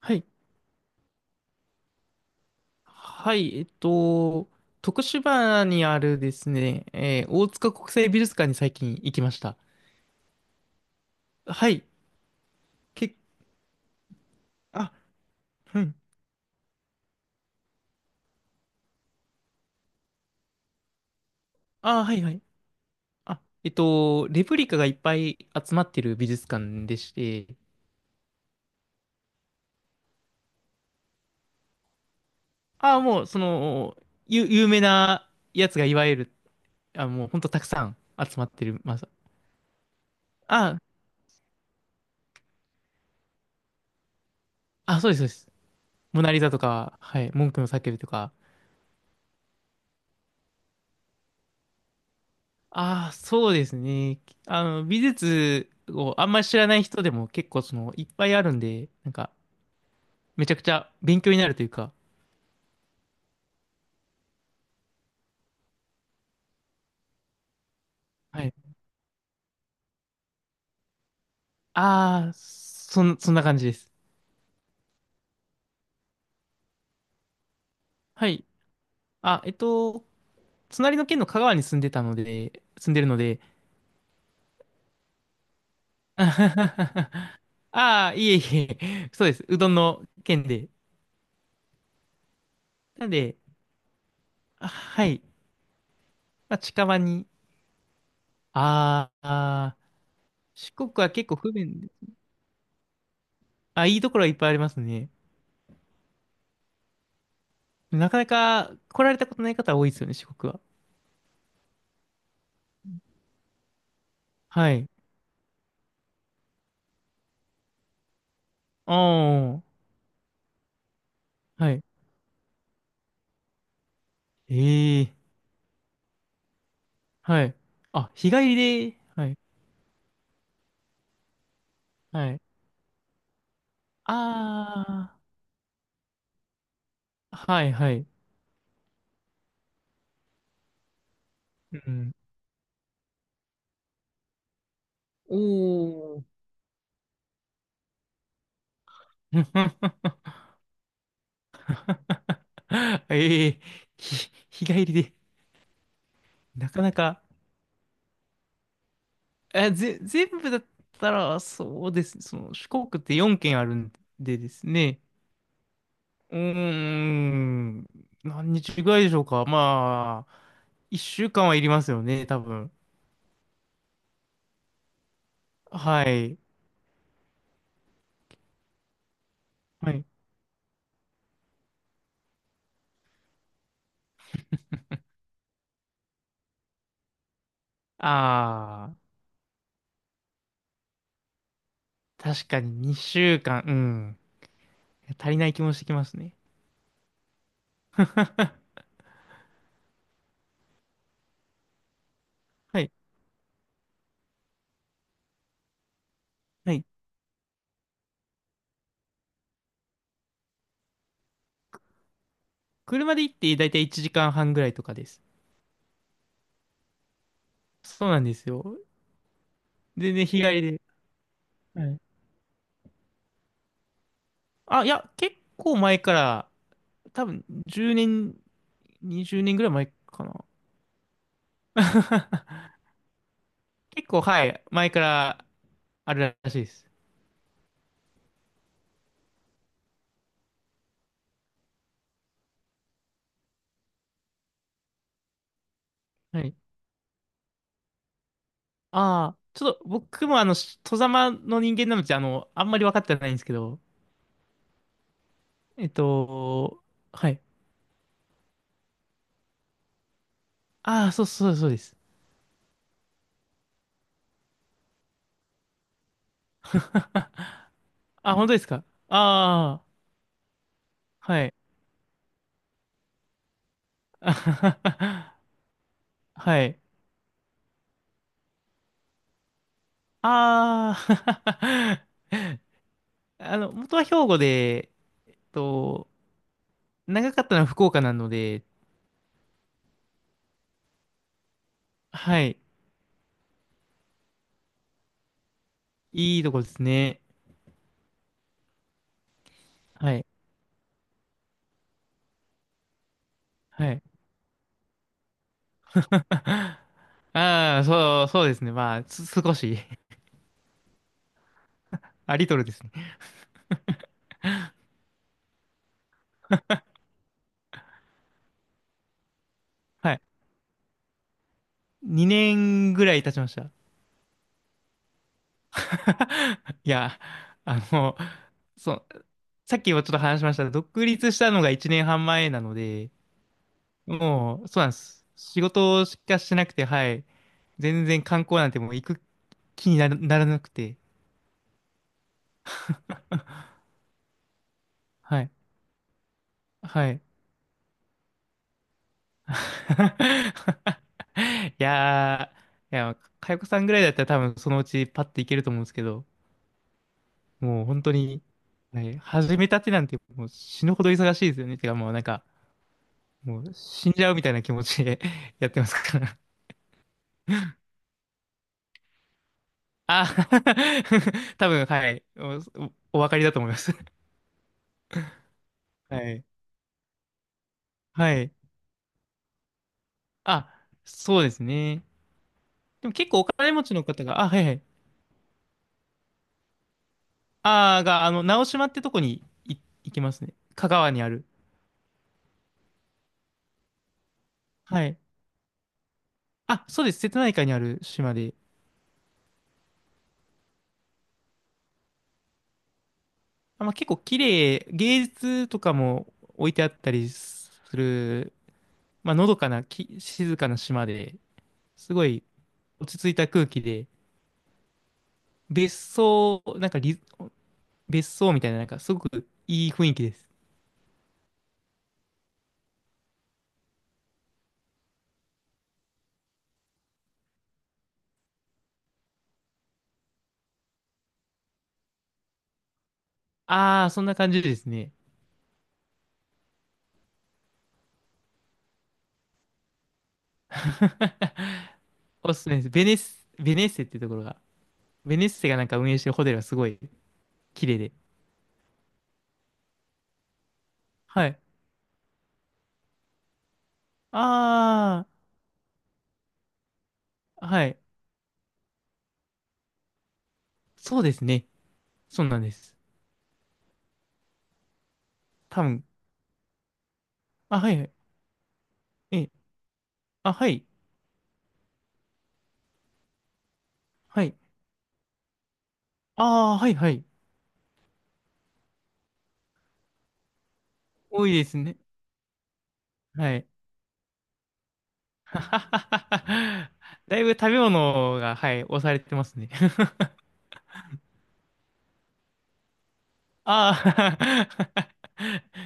はい。はい。えっと、徳島にあるですね、大塚国際美術館に最近行きました。はい。け、あ、うん。はいはい。レプリカがいっぱい集まってる美術館でして、あ、もう、その、ゆ、有名なやつがいわゆる、もう、ほんとたくさん集まってる、あ、そうです、そうです。モナリザとか、はい、文句の叫びとか、そうですね。あの、美術をあんまり知らない人でも結構その、いっぱいあるんで、なんか、めちゃくちゃ勉強になるというか。はい。そんな感じです。はい。あ、えっと、隣の県の香川に住んでるので、ああ、いえいえ、そうです。うどんの県で。なんで、はい。まあ、近場に。あーあー、四国は結構不便で。あ、いいところはいっぱいありますね。なかなか来られたことない方多いですよね、四国は。はい。ああ、はい。ええ、はい。あ、日帰りで、はい、はい。ああ、はい、はい。うん。おお。ええ、日帰りで、なかなか、全部だったら、そうですね。その、四国って4県あるんですね。うーん、何日ぐらいでしょうか。まあ、一週間はいりますよね、多分。はい。はい。ああ、確かに2週間、うん。足りない気もしてきますね。はい。はい。車で行ってだいたい1時間半ぐらいとかです。そうなんですよ。全然日帰りで。はい。あ、いや、結構前から、多分10年、20年ぐらい前かな。結構、はい。前からあるらしいです。はい。ああ、ちょっと僕もあの、外様の人間なので、あの、あんまり分かってないんですけど、えっと、はい。そうです。あ、本当ですか？ああ、はい。あはははい。ああ、あの、元は兵庫で、えっと、長かったのは福岡なので、はい。いいとこですね。はい。はい。そうですね。まあ、少し あ、リトルですね。はい。2年ぐらい経ちました。いや、あの、そう、さっきもちょっと話しましたが、独立したのが1年半前なので、もう、そうなんです。仕事しかしてなくて、はい。全然観光なんてもう行く気にならなくて、はい。はい。いやいや、かよこさんぐらいだったら多分そのうちパッて行けると思うんですけど、もう本当に、はい、始めたてなんてもう死ぬほど忙しいですよね。もうなんか、もう死んじゃうみたいな気持ちで やってますから。あ、多分、はい。おお分かりだと思います。はい。はい。あ、そうですね。でも結構お金持ちの方が、あ、はいはい。あーが、あの、直島ってとこに行きますね。香川にある。はい。あ、そうです。瀬戸内海にある島で。あ、まあ、結構綺麗、芸術とかも置いてあったりする、まあ、のどかな、き、静かな島で、すごい落ち着いた空気で、別荘、なんかリ、別荘みたいな、なんかすごくいい雰囲気です。ああ、そんな感じですね。おすすめです。ベネッセってところが、ベネッセがなんか運営してるホテルはすごい綺麗で。はい。ああ、はい。そうですね。そうなんです。多分。あ、はいはい。え、あ、はい。はい。ああ、はいはい。多いですね。はい。だいぶ食べ物が、はい、押されてますね。ああ、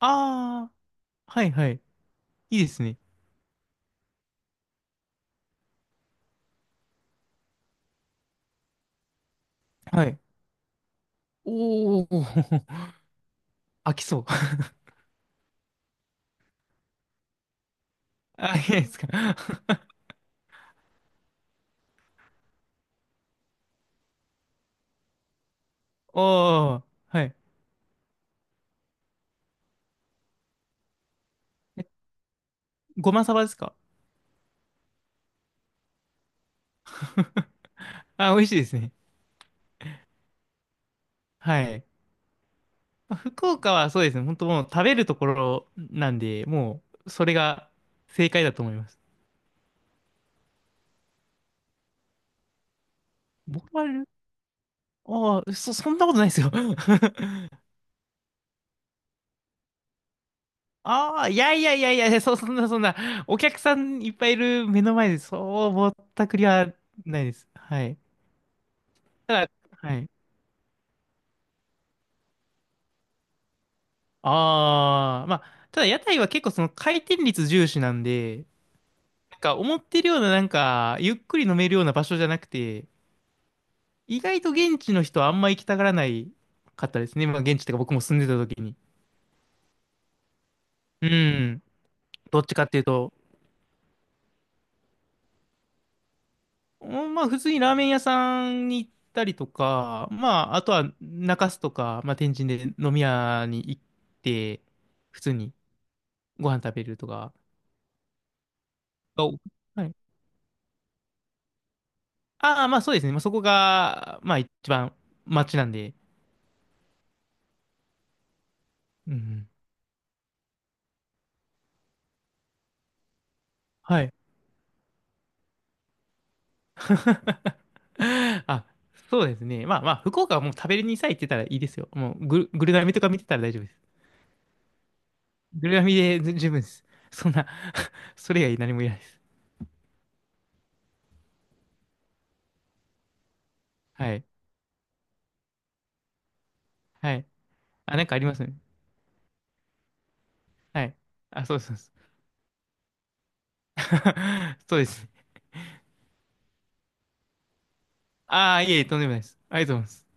ああ、はいはい。いいですね。はい。おお、飽きそう。あ、いいですか。おお、はい。えごまさばですか？あ、美味しいですね。はい。まあ福岡はそうですね。本当もう食べるところなんで、もう、それが正解だと思います。ボカル？ああ、そんなことないですよ。ああ、いやいやいやいや、そ、そんなそんな、お客さんいっぱいいる目の前で、そう、ぼったくりはないです。はい。ただ、はい。ああ、まあ、ただ屋台は結構その回転率重視なんで、なんか思ってるようななんか、ゆっくり飲めるような場所じゃなくて、意外と現地の人はあんま行きたがらないかったですね。まあ現地とか僕も住んでた時に。うん。どっちかっていうと、うん普通にラーメン屋さんに行ったりとか、まああとは中洲とか、まあ天神で飲み屋に行って、普通にご飯食べるとかが多く。ああ、まあそうですね。まあ、そこが、まあ一番街なんで。うんうん。はい。あ、そうですね。まあまあ、福岡はもう食べれにさえ行ってたらいいですよ。もうグルナミとか見てたら大丈夫です。グルナミで十分です。そんな それ以外何もいらないです。はい。はい。あ、なんかありますね。はい。あ、そうです。そうです。そうです？ああ、いえいえ、とんでもないです。ありがとうございます。